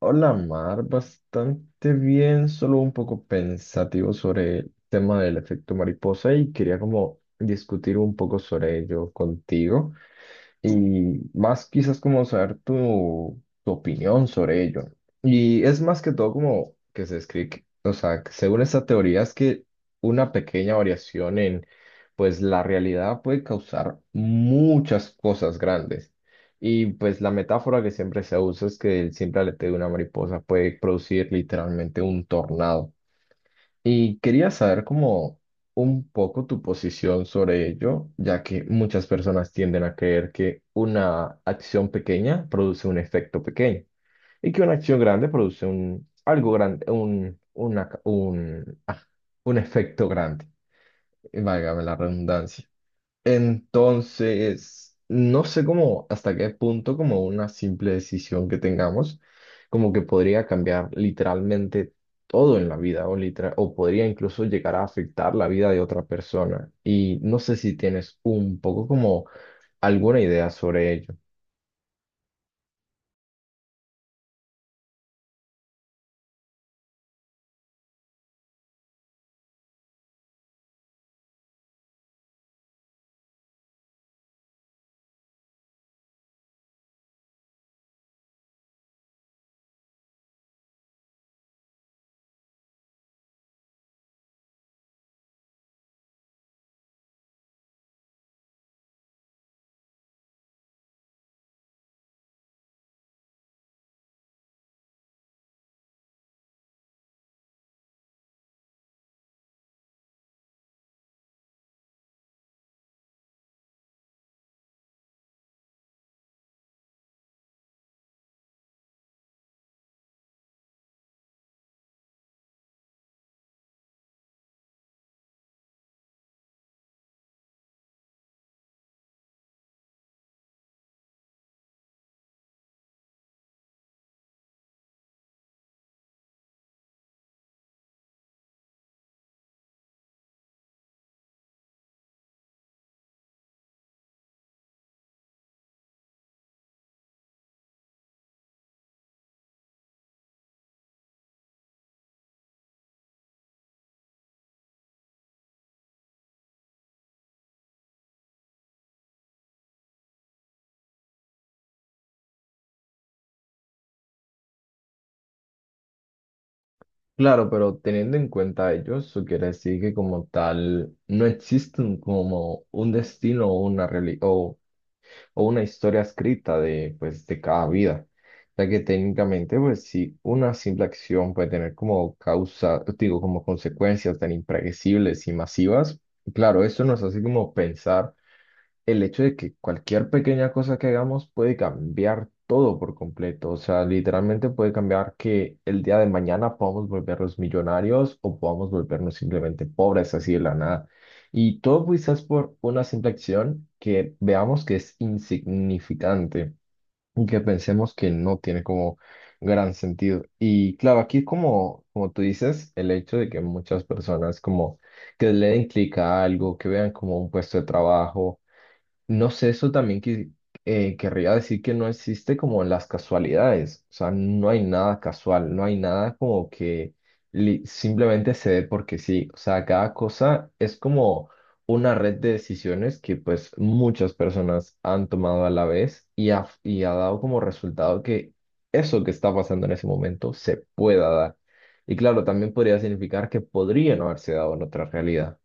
Hola Mar, bastante bien, solo un poco pensativo sobre el tema del efecto mariposa y quería como discutir un poco sobre ello contigo y más quizás como saber tu opinión sobre ello. Y es más que todo como que se escribe, o sea, que según esta teoría es que una pequeña variación en pues la realidad puede causar muchas cosas grandes. Y pues la metáfora que siempre se usa es que el simple aleteo de una mariposa puede producir literalmente un tornado. Y quería saber como un poco tu posición sobre ello, ya que muchas personas tienden a creer que una acción pequeña produce un efecto pequeño y que una acción grande produce un algo grande, un, una ca- un, ah, un efecto grande, válgame la redundancia. Entonces, no sé cómo, hasta qué punto, como una simple decisión que tengamos, como que podría cambiar literalmente todo en la vida o, o podría incluso llegar a afectar la vida de otra persona. Y no sé si tienes un poco como alguna idea sobre ello. Claro, pero teniendo en cuenta ello, eso quiere decir que como tal no existe como un destino o una realidad o una historia escrita de, pues, de cada vida, ya que técnicamente, pues, si una simple acción puede tener como causa, digo, como consecuencias tan impredecibles y masivas, claro, esto nos hace como pensar el hecho de que cualquier pequeña cosa que hagamos puede cambiar todo por completo. O sea, literalmente puede cambiar que el día de mañana podamos volvernos millonarios o podamos volvernos simplemente pobres así de la nada. Y todo quizás por una simple acción que veamos que es insignificante y que pensemos que no tiene como gran sentido. Y claro, aquí como, como tú dices, el hecho de que muchas personas como que le den clic a algo, que vean como un puesto de trabajo, no sé, eso también que, querría decir que no existe como las casualidades, o sea, no hay nada casual, no hay nada como que simplemente se dé porque sí, o sea, cada cosa es como una red de decisiones que pues muchas personas han tomado a la vez y ha dado como resultado que eso que está pasando en ese momento se pueda dar. Y claro, también podría significar que podría no haberse dado en otra realidad.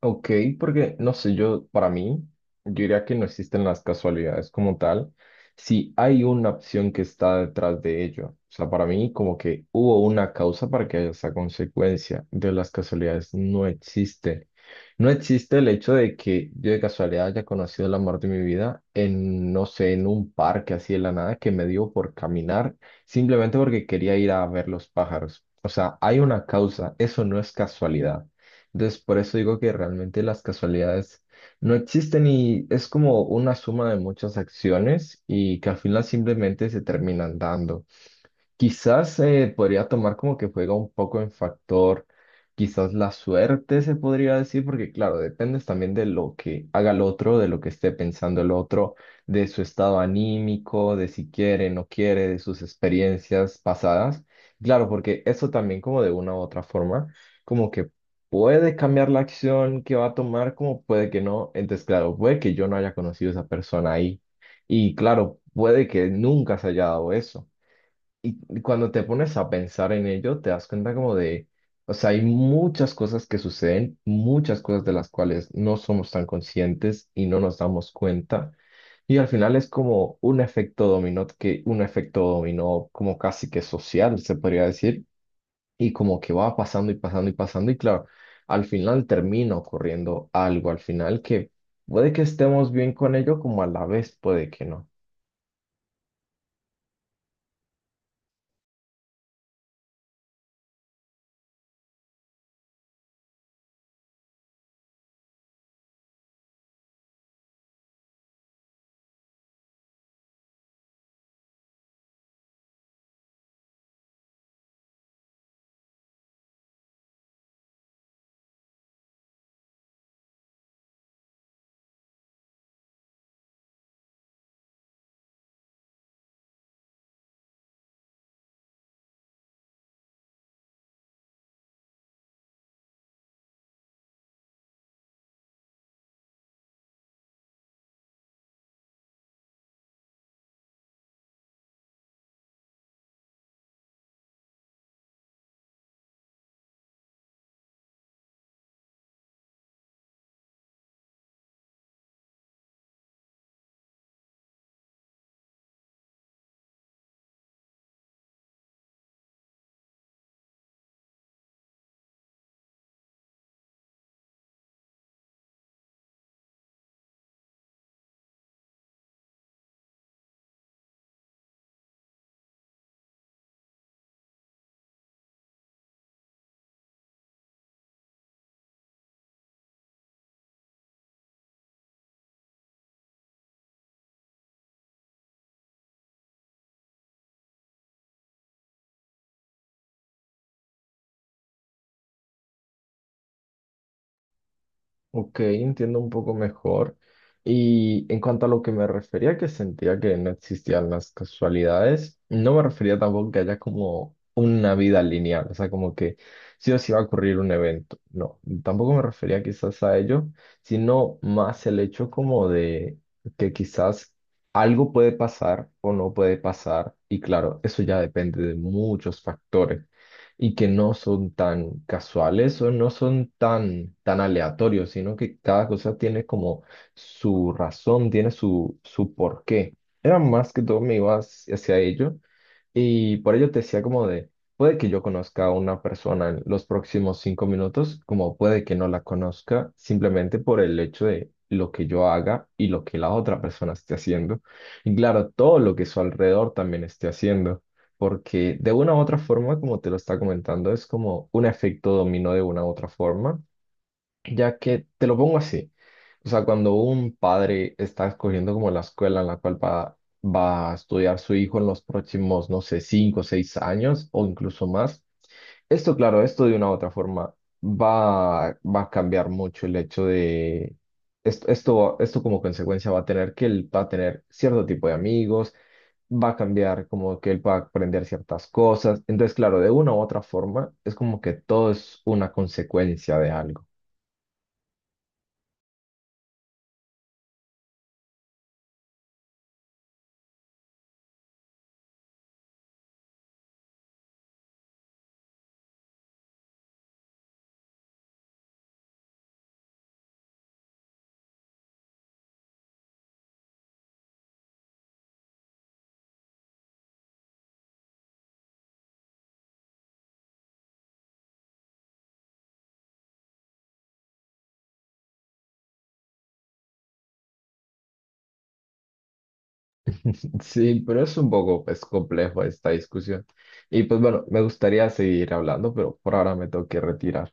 Ok, porque no sé, yo para mí, yo diría que no existen las casualidades como tal, si hay una opción que está detrás de ello. O sea, para mí como que hubo una causa para que haya esa consecuencia. De las casualidades no existe. No existe el hecho de que yo de casualidad haya conocido el amor de mi vida en, no sé, en un parque así de la nada que me dio por caminar simplemente porque quería ir a ver los pájaros. O sea, hay una causa, eso no es casualidad. Entonces, por eso digo que realmente las casualidades no existen y es como una suma de muchas acciones y que al final simplemente se terminan dando. Quizás podría tomar como que juega un poco en factor, quizás la suerte se podría decir, porque claro, dependes también de lo que haga el otro, de lo que esté pensando el otro, de su estado anímico, de si quiere, no quiere, de sus experiencias pasadas. Claro, porque eso también como de una u otra forma, como que puede cambiar la acción que va a tomar, como puede que no. Entonces, claro, puede que yo no haya conocido a esa persona ahí. Y claro, puede que nunca se haya dado eso. Y cuando te pones a pensar en ello, te das cuenta como de, o sea, hay muchas cosas que suceden, muchas cosas de las cuales no somos tan conscientes y no nos damos cuenta. Y al final es como un efecto dominó, que un efecto dominó como casi que social, se podría decir, y como que va pasando y pasando y pasando. Y claro, al final termina ocurriendo algo, al final que puede que estemos bien con ello, como a la vez puede que no. Ok, entiendo un poco mejor. Y en cuanto a lo que me refería, que sentía que no existían las casualidades, no me refería tampoco que haya como una vida lineal, o sea, como que sí o sí va a ocurrir un evento. No, tampoco me refería quizás a ello, sino más el hecho como de que quizás algo puede pasar o no puede pasar, y claro, eso ya depende de muchos factores y que no son tan casuales o no son tan aleatorios, sino que cada cosa tiene como su razón, tiene su porqué. Era más que todo me iba hacia ello y por ello te decía como de, puede que yo conozca a una persona en los próximos 5 minutos, como puede que no la conozca, simplemente por el hecho de lo que yo haga y lo que la otra persona esté haciendo. Y claro, todo lo que su alrededor también esté haciendo porque de una u otra forma, como te lo está comentando, es como un efecto dominó de una u otra forma, ya que te lo pongo así. O sea, cuando un padre está escogiendo como la escuela en la cual va, va a estudiar su hijo en los próximos, no sé, 5 o 6 años o incluso más, esto, claro, esto de una u otra forma va a cambiar mucho el hecho de esto como consecuencia va a tener que él va a tener cierto tipo de amigos, va a cambiar como que él va a aprender ciertas cosas. Entonces, claro, de una u otra forma es como que todo es una consecuencia de algo. Sí, pero es un poco pues, complejo esta discusión. Y pues bueno, me gustaría seguir hablando, pero por ahora me tengo que retirar.